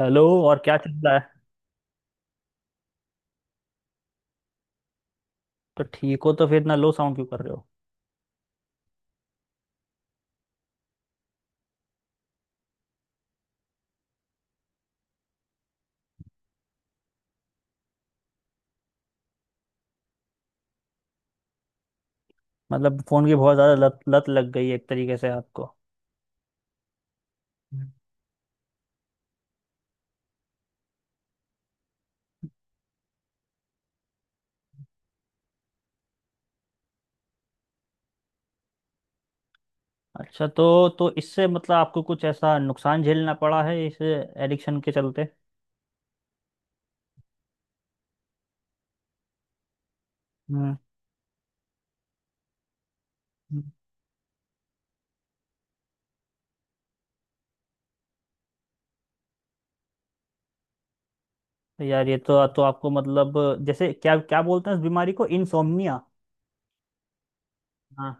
Hello, और क्या चल रहा है? तो ठीक हो तो फिर इतना लो साउंड क्यों कर रहे हो? मतलब फोन की बहुत ज्यादा लत लत लग गई है एक तरीके से आपको। हम्म। अच्छा, तो इससे मतलब आपको कुछ ऐसा नुकसान झेलना पड़ा है इस एडिक्शन के चलते? हम्म। हम्म। तो यार ये तो आपको मतलब, जैसे क्या क्या बोलते हैं इस बीमारी को, इंसोम्निया। हाँ।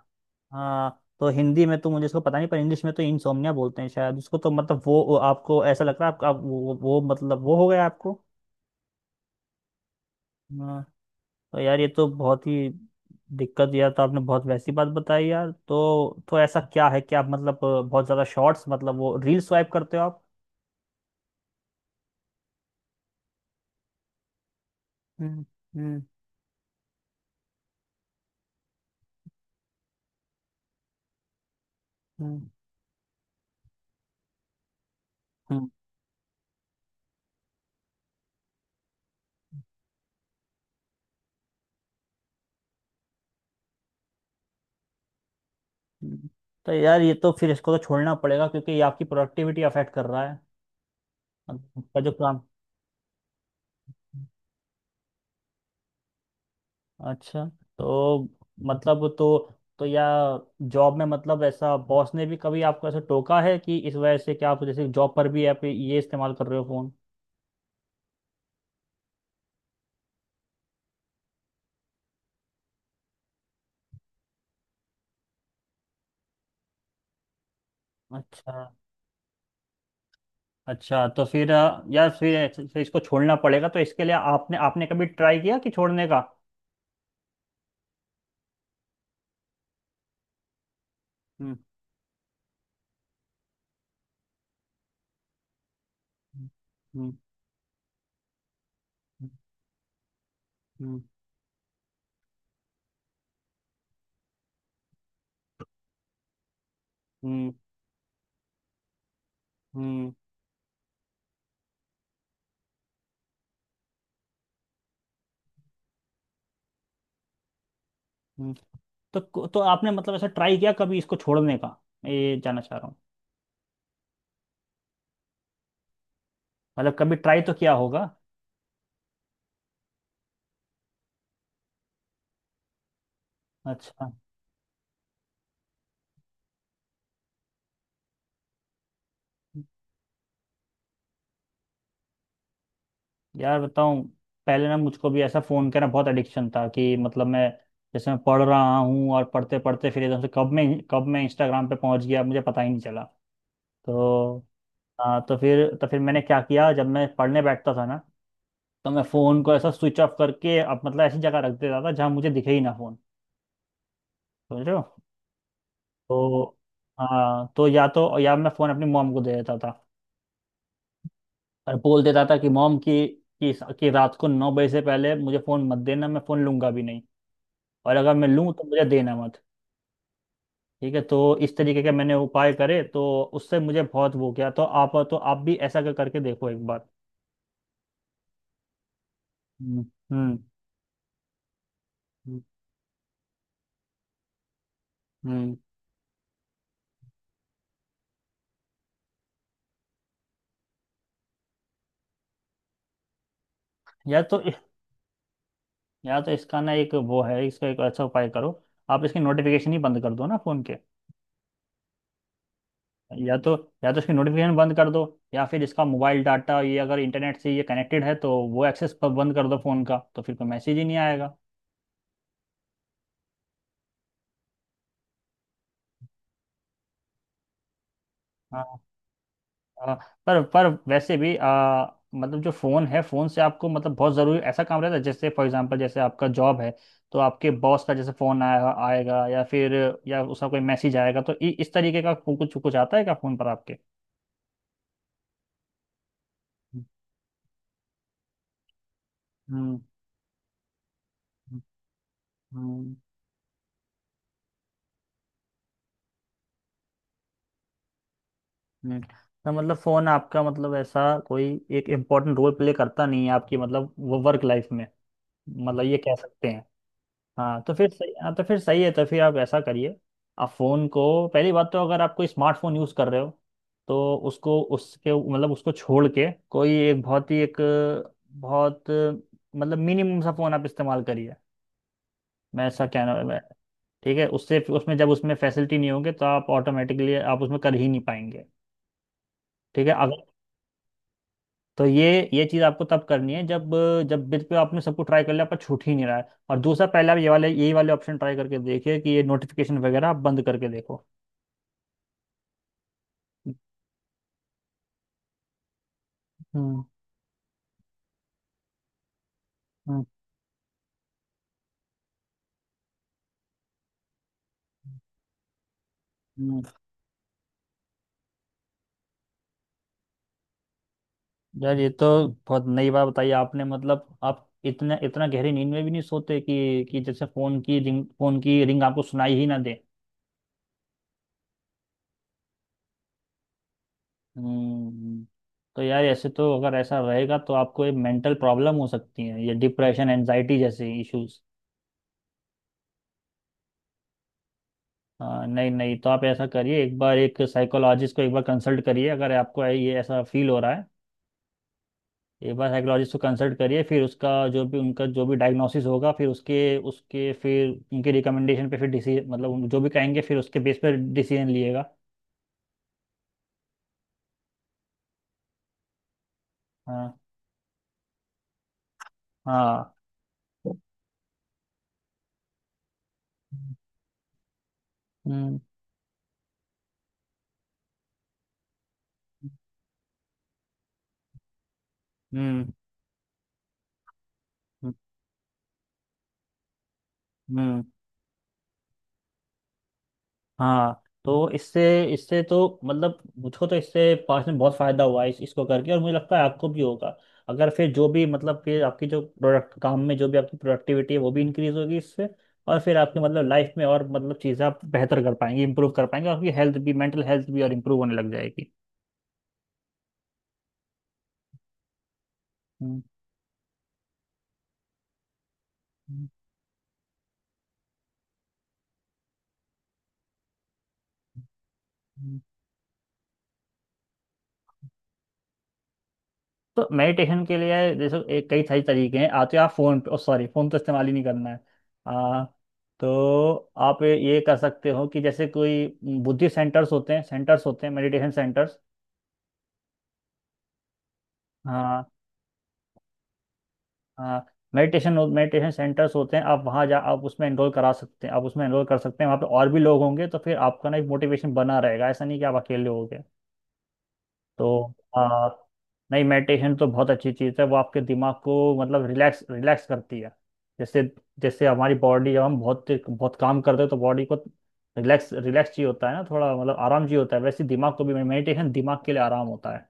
हाँ, तो हिंदी में तो मुझे इसको पता नहीं, पर इंग्लिश में तो इंसोम्निया बोलते हैं शायद उसको, तो मतलब वो आपको ऐसा लग रहा है आपका आप, वो मतलब वो हो गया आपको। तो यार, ये तो बहुत ही दिक्कत दिया, तो आपने बहुत वैसी बात बताई यार, तो ऐसा क्या है कि आप मतलब बहुत ज्यादा शॉर्ट्स, मतलब वो रील स्वाइप करते हो आप? हम्म। हम्म। हम्म। हम्म। हम्म। तो यार ये तो फिर इसको तो छोड़ना पड़ेगा, क्योंकि ये आपकी प्रोडक्टिविटी अफेक्ट कर रहा है। आपका जो काम। अच्छा। तो मतलब, तो या जॉब में, मतलब ऐसा बॉस ने भी कभी आपको ऐसा टोका है कि इस वजह से, क्या आप जैसे जॉब पर भी आप ये इस्तेमाल कर रहे हो फोन? अच्छा। अच्छा तो फिर यार फिर फिर इसको छोड़ना पड़ेगा, तो इसके लिए आपने आपने कभी ट्राई किया कि छोड़ने का? हम्म। हम्म। हम्म। हम्म। हम्म। हम्म। तो तो आपने मतलब ऐसा ट्राई किया कभी इसको छोड़ने का, मैं ये जानना चाह रहा हूँ। मतलब कभी ट्राई तो किया होगा। अच्छा। यार बताऊं। पहले ना मुझको भी ऐसा फ़ोन का ना बहुत एडिक्शन था, कि मतलब मैं जैसे मैं पढ़ रहा हूँ, और पढ़ते पढ़ते फिर एकदम से कब मैं इंस्टाग्राम पे पहुंच गया, मुझे पता ही नहीं चला। तो। हाँ, तो फिर मैंने क्या किया, जब मैं पढ़ने बैठता था ना, तो मैं फ़ोन को ऐसा स्विच ऑफ करके, अब मतलब ऐसी जगह रख देता था जहाँ मुझे दिखे ही ना फ़ोन। समझ रहे हो? तो। हाँ, तो या तो मैं फ़ोन अपनी मॉम को दे देता था, और बोल देता था कि मॉम कि रात को 9 बजे से पहले मुझे फ़ोन मत देना, मैं फ़ोन लूंगा भी नहीं। और अगर मैं लूँ तो मुझे देना मत। ठीक है, तो इस तरीके के मैंने उपाय करे, तो उससे मुझे बहुत वो किया, तो आप भी ऐसा करके देखो एक बार। हम्म। हम्म। हम्म। यार, तो या तो इसका ना एक वो है, इसका एक अच्छा उपाय करो। आप इसकी नोटिफिकेशन ही बंद कर दो ना फ़ोन के। या तो या तो इसकी नोटिफिकेशन बंद कर दो, या फिर इसका मोबाइल डाटा, ये अगर इंटरनेट से ये कनेक्टेड है तो वो एक्सेस पर बंद कर दो फ़ोन का, तो फिर कोई मैसेज ही नहीं आएगा। हाँ। हाँ, पर वैसे भी मतलब जो फ़ोन है फ़ोन से आपको, मतलब बहुत ज़रूरी ऐसा काम रहता है जैसे फॉर एग्जांपल, जैसे आपका जॉब है। तो आपके बॉस का जैसे फ़ोन आएगा आएगा, या फिर या उसका कोई मैसेज आएगा, तो इस तरीके का कुछ कुछ आता है क्या फ़ोन पर आपके? हम्म। हम्म। हम्म। तो मतलब फोन आपका, मतलब ऐसा कोई एक इम्पोर्टेंट रोल प्ले करता नहीं है आपकी मतलब वो वर्क लाइफ में, मतलब ये कह सकते हैं। हाँ, तो फिर सही है, तो फिर आप ऐसा करिए। आप फ़ोन को, पहली बात तो, अगर आप कोई स्मार्टफोन यूज़ कर रहे हो, तो उसको उसके मतलब उसको छोड़ के, कोई एक बहुत ही एक बहुत मतलब मिनिमम सा फ़ोन आप इस्तेमाल करिए, मैं ऐसा कहना मैं ठीक है, उससे उसमें जब उसमें फैसिलिटी नहीं होंगे, तो आप ऑटोमेटिकली आप उसमें कर ही नहीं पाएंगे। ठीक है, अगर तो ये चीज़ आपको तब करनी है, जब जब बिल पे आपने सबको ट्राई कर लिया पर छूट ही नहीं रहा है। और दूसरा, पहले आप ये वाले यही वाले ऑप्शन ट्राई करके देखिए, कि ये नोटिफिकेशन वगैरह आप बंद करके देखो। हम्म। हम्म। हम्म। यार, ये तो बहुत नई बात बताई आपने, मतलब आप इतना इतना गहरी नींद में भी नहीं सोते कि जैसे फोन की रिंग आपको सुनाई ही ना दे? हम्म। तो यार ऐसे तो, अगर ऐसा रहेगा तो आपको ये मेंटल प्रॉब्लम हो सकती है, ये डिप्रेशन, एनजाइटी जैसे इश्यूज। हाँ, नहीं नहीं, तो आप ऐसा करिए, एक बार एक साइकोलॉजिस्ट को एक बार कंसल्ट करिए, अगर आपको ये ऐसा फील हो रहा है। एक बार साइकोलॉजिस्ट को कंसल्ट करिए, फिर उसका जो भी उनका जो भी डायग्नोसिस होगा, फिर उसके उसके फिर उनके रिकमेंडेशन पे फिर डिसीजन, मतलब जो भी कहेंगे फिर उसके बेस पर डिसीजन लिएगा। हाँ। हाँ। हम्म। हम्म। हम्म। हम्म। हाँ, तो इससे इससे तो, मतलब मुझको तो इससे पास में बहुत फायदा हुआ है इसको करके, और मुझे लगता है आपको भी होगा। अगर फिर जो भी मतलब, फिर आपकी जो प्रोडक्ट काम में, जो भी आपकी प्रोडक्टिविटी है, वो भी इंक्रीज होगी इससे। और फिर आपकी मतलब लाइफ में और, मतलब चीज़ें आप बेहतर कर पाएंगे, इंप्रूव कर पाएंगे, और आपकी हेल्थ भी, मेंटल हेल्थ भी और इंप्रूव होने लग जाएगी। हम्म। हम्म। तो मेडिटेशन के लिए जैसे एक कई सारी तरीके हैं। आते आप फोन पे, सॉरी, फोन तो इस्तेमाल ही नहीं करना है। आ, तो आप ये कर सकते हो कि जैसे कोई बुद्धि सेंटर्स होते हैं, सेंटर्स होते हैं, मेडिटेशन सेंटर्स। हाँ। हाँ, मेडिटेशन मेडिटेशन सेंटर्स होते हैं, आप वहाँ जा, आप उसमें एनरोल करा सकते हैं, आप उसमें एनरोल कर सकते हैं, वहाँ पे और भी लोग होंगे तो फिर आपका ना एक मोटिवेशन बना रहेगा, ऐसा नहीं कि आप अकेले हो। तो नहीं, मेडिटेशन तो बहुत अच्छी चीज़ है, वो आपके दिमाग को, मतलब रिलैक्स रिलैक्स करती है। जैसे जैसे हमारी बॉडी जब हम बहुत बहुत काम करते हैं, तो बॉडी को रिलैक्स रिलैक्स चाहिए होता है ना, थोड़ा मतलब आराम चाहिए होता है। वैसे दिमाग को भी मेडिटेशन, दिमाग के लिए आराम होता है।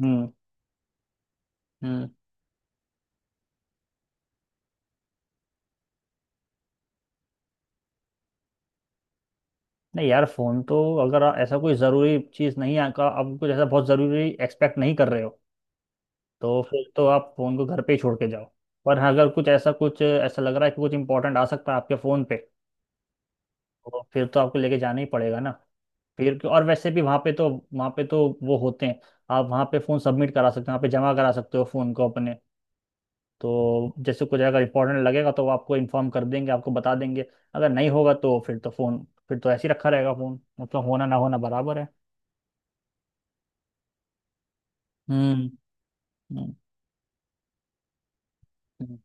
हम्म। हम्म। नहीं यार, फोन तो, अगर ऐसा कोई जरूरी चीज नहीं है का, आप कुछ ऐसा बहुत जरूरी एक्सपेक्ट नहीं कर रहे हो, तो फिर तो आप फोन को घर पे ही छोड़ के जाओ। पर हाँ, अगर कुछ ऐसा लग रहा है कि कुछ इंपॉर्टेंट आ सकता है आपके फोन पे, तो फिर तो आपको लेके जाना ही पड़ेगा ना। फिर और वैसे भी वहाँ पे तो वो होते हैं। आप वहाँ पे फ़ोन सबमिट करा सकते हो, वहाँ पे जमा करा सकते हो फ़ोन को अपने। तो जैसे कुछ अगर इंपॉर्टेंट लगेगा, तो वो आपको इन्फॉर्म कर देंगे, आपको बता देंगे। अगर नहीं होगा तो फिर तो फ़ोन फिर तो ऐसे ही रखा रहेगा फ़ोन, मतलब होना ना होना बराबर है। हम्म। हम्म। हम्म।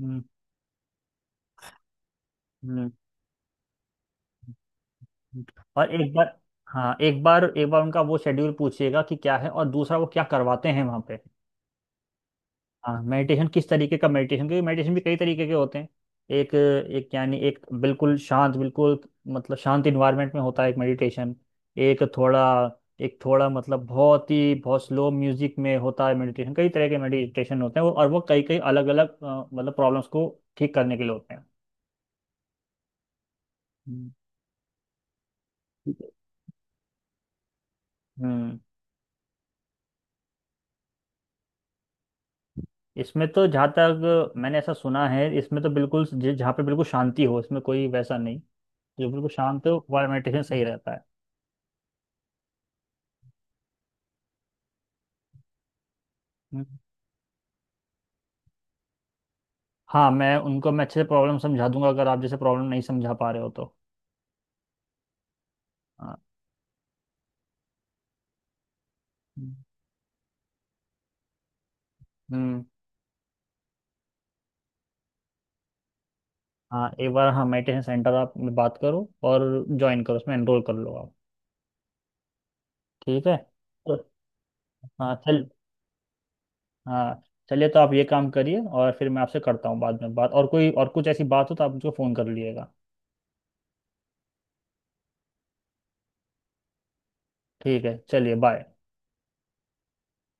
हम्म। हम्म। और एक बार हाँ एक बार उनका वो शेड्यूल पूछिएगा कि क्या है, और दूसरा वो क्या करवाते हैं वहाँ पे। हाँ, मेडिटेशन किस तरीके का मेडिटेशन, क्योंकि मेडिटेशन भी कई तरीके के होते हैं। एक एक यानी एक बिल्कुल शांत, बिल्कुल मतलब शांत इन्वायरमेंट में होता है एक मेडिटेशन। एक थोड़ा एक थोड़ा मतलब बहुत ही बहुत स्लो म्यूजिक में होता है मेडिटेशन। कई तरह के मेडिटेशन होते हैं वो, और वो कई कई अलग अलग मतलब प्रॉब्लम्स को ठीक करने के लिए होते हैं। हम्म। ठीक है। हम्म। इसमें तो जहाँ तक मैंने ऐसा सुना है, इसमें तो बिल्कुल जहाँ पे बिल्कुल शांति हो, इसमें कोई वैसा नहीं, जो बिल्कुल शांत हो वह मेडिटेशन सही रहता है। हम्म। हाँ, मैं उनको मैं अच्छे से प्रॉब्लम समझा दूंगा, अगर आप जैसे प्रॉब्लम नहीं समझा पा रहे हो तो। हाँ। हम्म। हाँ, एक बार, हाँ, मेडिटेशन सेंटर आप में बात करो, और ज्वाइन करो, उसमें एनरोल कर लो आप। ठीक है। तो हाँ, चल। हाँ, चलिए तो आप ये काम करिए, और फिर मैं आपसे करता हूँ बाद में बात, और कोई और कुछ ऐसी बात हो तो आप मुझको फ़ोन कर लीजिएगा। ठीक है, चलिए, बाय।